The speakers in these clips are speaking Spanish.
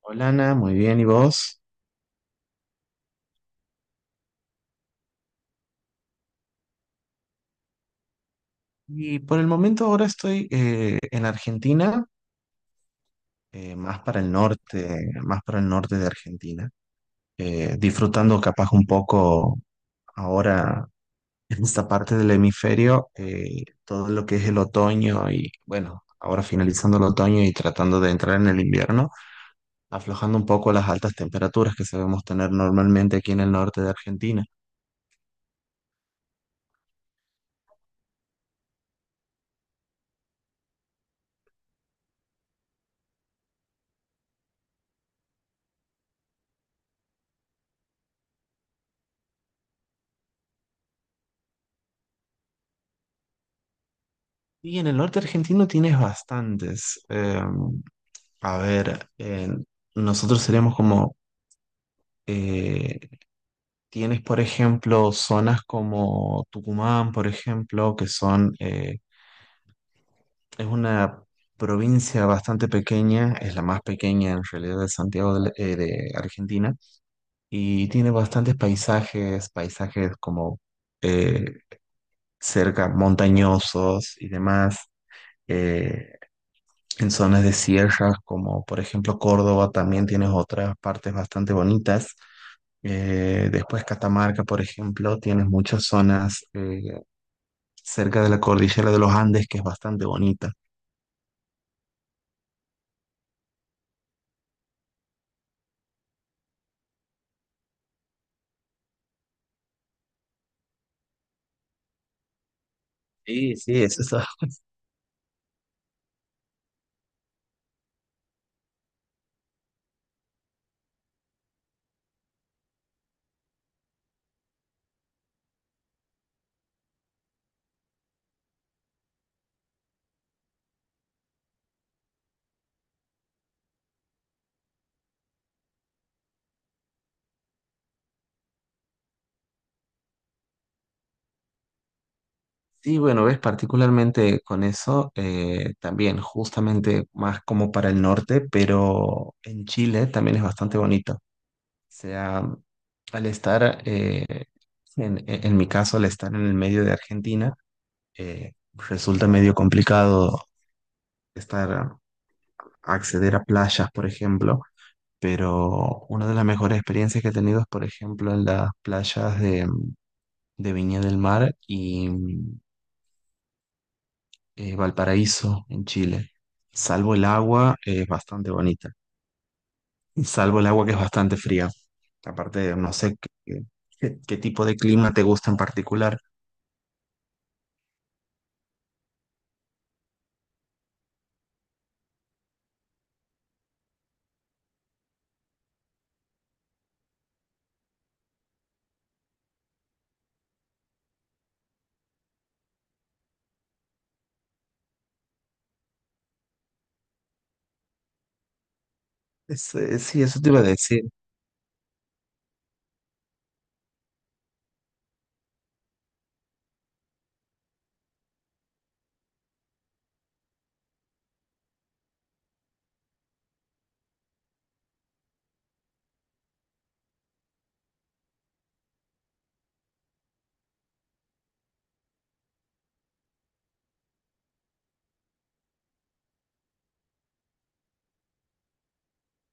Hola Ana, muy bien, ¿y vos? Y por el momento ahora estoy en Argentina, más para el norte, más para el norte de Argentina, disfrutando capaz un poco ahora en esta parte del hemisferio, todo lo que es el otoño y bueno, ahora finalizando el otoño y tratando de entrar en el invierno, aflojando un poco las altas temperaturas que sabemos tener normalmente aquí en el norte de Argentina. Y en el norte argentino tienes bastantes. A ver, nosotros seríamos como, eh, tienes por ejemplo zonas como Tucumán, por ejemplo, que son, es una provincia bastante pequeña, es la más pequeña en realidad de Argentina, y tiene bastantes paisajes, paisajes como eh, cerca montañosos y demás. Eh, En zonas de sierras, como por ejemplo Córdoba, también tienes otras partes bastante bonitas. Después Catamarca, por ejemplo, tienes muchas zonas cerca de la cordillera de los Andes que es bastante bonita. Sí, sí, sí, es eso. Sí, bueno, ves, particularmente con eso, también justamente más como para el norte, pero en Chile también es bastante bonito. O sea, al estar, eh, en mi caso, al estar en el medio de Argentina, resulta medio complicado estar, acceder a playas, por ejemplo, pero una de las mejores experiencias que he tenido es, por ejemplo, en de Viña del Mar y Valparaíso, en Chile. Salvo el agua, es bastante bonita. Salvo el agua que es bastante fría. Aparte, no sé qué, qué tipo de clima te gusta en particular. Es, sí, eso te iba a decir.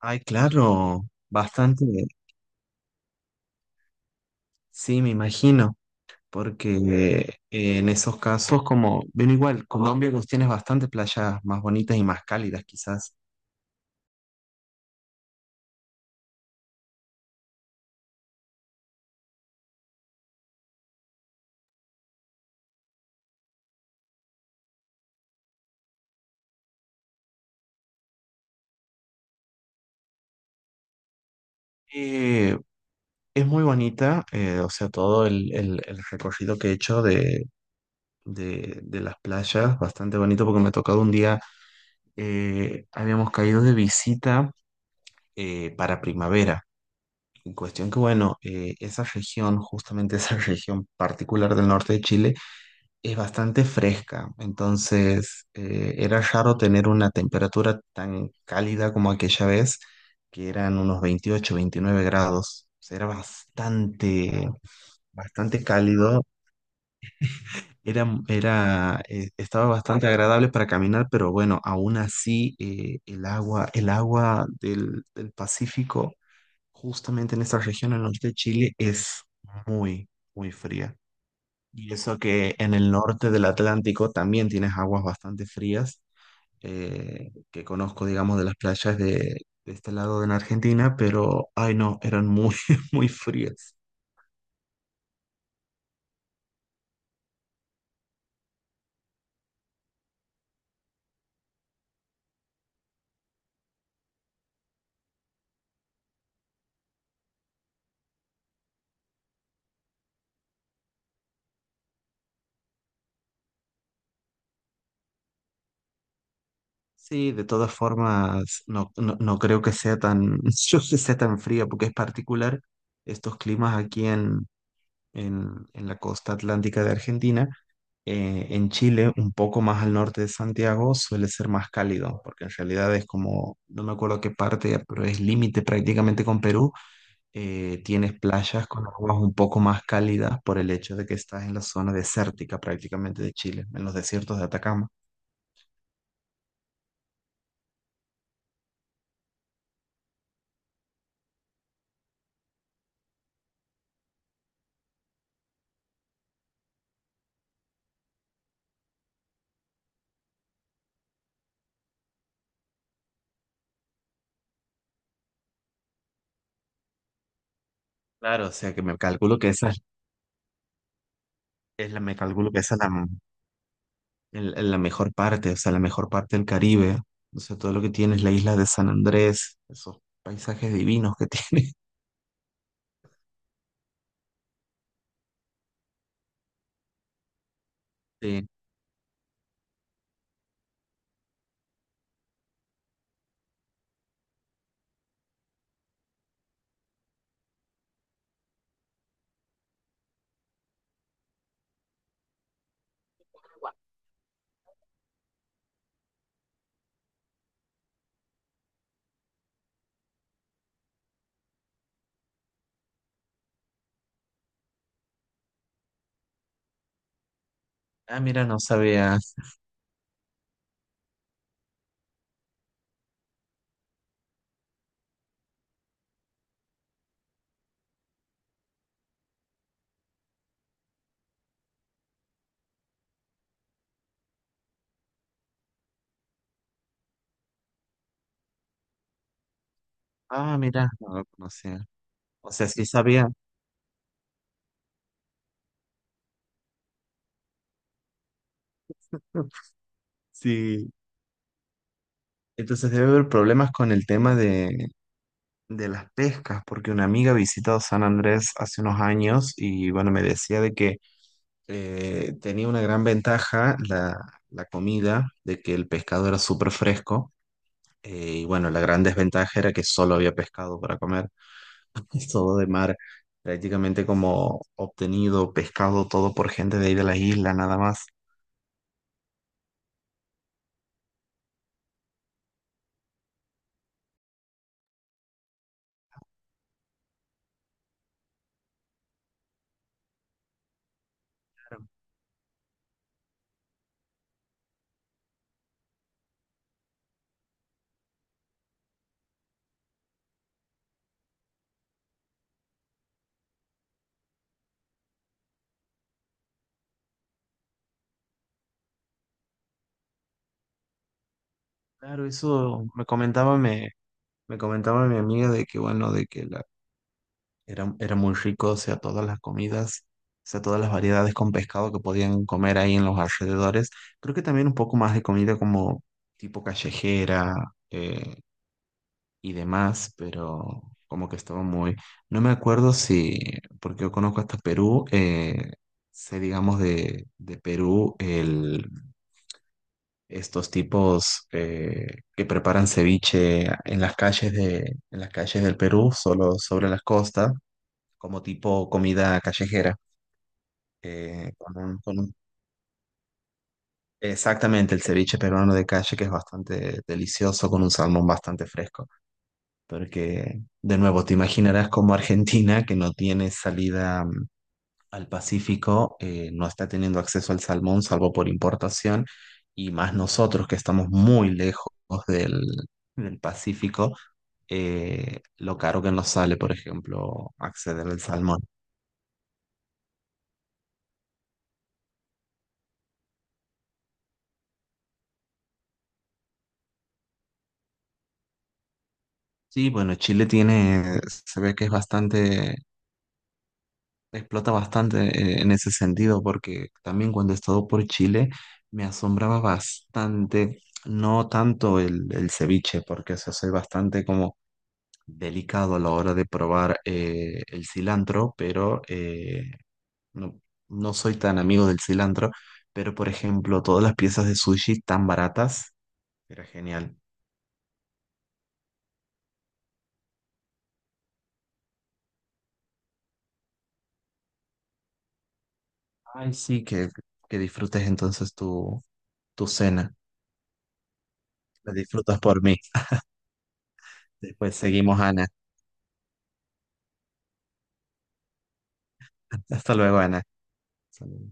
Ay, claro, bastante. Sí, me imagino, porque en esos casos, como, ven igual, Colombia pues, tienes bastantes playas más bonitas y más cálidas quizás. Eh, es muy bonita, o sea, el recorrido que he hecho de las playas, bastante bonito porque me ha tocado un día, habíamos caído de visita para primavera. En cuestión que, bueno, esa región, justamente esa región particular del norte de Chile, es bastante fresca, entonces era raro tener una temperatura tan cálida como aquella vez, que eran unos 28, 29 grados. O sea, era bastante, bastante cálido, estaba bastante agradable para caminar, pero bueno, aún así el agua del Pacífico, justamente en esta región al norte de Chile, es muy, muy fría. Y eso que en el norte del Atlántico también tienes aguas bastante frías, que conozco, digamos, de de este lado en Argentina, pero, ay no, eran muy, muy frías. Sí, de todas formas, no, no, no creo que sea tan, yo que sea tan fría, porque es particular estos climas aquí en la costa atlántica de Argentina. En Chile, un poco más al norte de Santiago, suele ser más cálido, porque en realidad es como, no me acuerdo qué parte, pero es límite prácticamente con Perú. Tienes playas con aguas un poco más cálidas por el hecho de que estás en la zona desértica prácticamente de Chile, en los desiertos de Atacama. Claro, o sea que me calculo que esa es la, me calculo que esa es la mejor parte, o sea, la mejor parte del Caribe. O sea, todo lo que tienes, la isla de San Andrés, esos paisajes divinos que tiene. Sí. Ah, mira, no sabía. Ah, mira, no lo conocía. O sea, sí sabía. Sí. Entonces debe haber problemas con el tema de las pescas, porque una amiga visitó San Andrés hace unos años y bueno, me decía de que tenía una gran ventaja la comida, de que el pescado era súper fresco. Eh, y bueno, la gran desventaja era que solo había pescado para comer, es todo de mar, prácticamente como obtenido pescado todo por gente de ahí de la isla, nada más. Claro, eso me comentaba, me comentaba mi amiga de que bueno, era, era muy rico, o sea, todas las comidas, o sea, todas las variedades con pescado que podían comer ahí en los alrededores. Creo que también un poco más de comida como tipo callejera eh, y demás, pero como que estaba muy... No me acuerdo si, porque yo conozco hasta Perú, sé digamos de Perú el... Estos tipos que preparan ceviche en en las calles del Perú, solo sobre las costas, como tipo comida callejera. eh, con un- con un- Exactamente el ceviche peruano de calle, que es bastante delicioso, con un salmón bastante fresco. Porque, de nuevo, te imaginarás como Argentina, que no tiene salida al Pacífico. No está teniendo acceso al salmón salvo por importación y más nosotros que estamos muy lejos del, del Pacífico, lo caro que nos sale, por ejemplo, acceder al salmón. Sí, bueno, Chile tiene, se ve que es bastante, explota bastante en ese sentido porque también cuando he estado por Chile me asombraba bastante. No tanto el ceviche, porque eso soy bastante como delicado a la hora de probar el cilantro, pero no, no soy tan amigo del cilantro, pero por ejemplo, todas las piezas de sushi tan baratas, era genial. Ay, sí, que disfrutes entonces tu cena. La disfrutas por mí. Después seguimos, Ana. Hasta luego, Ana. Hasta luego.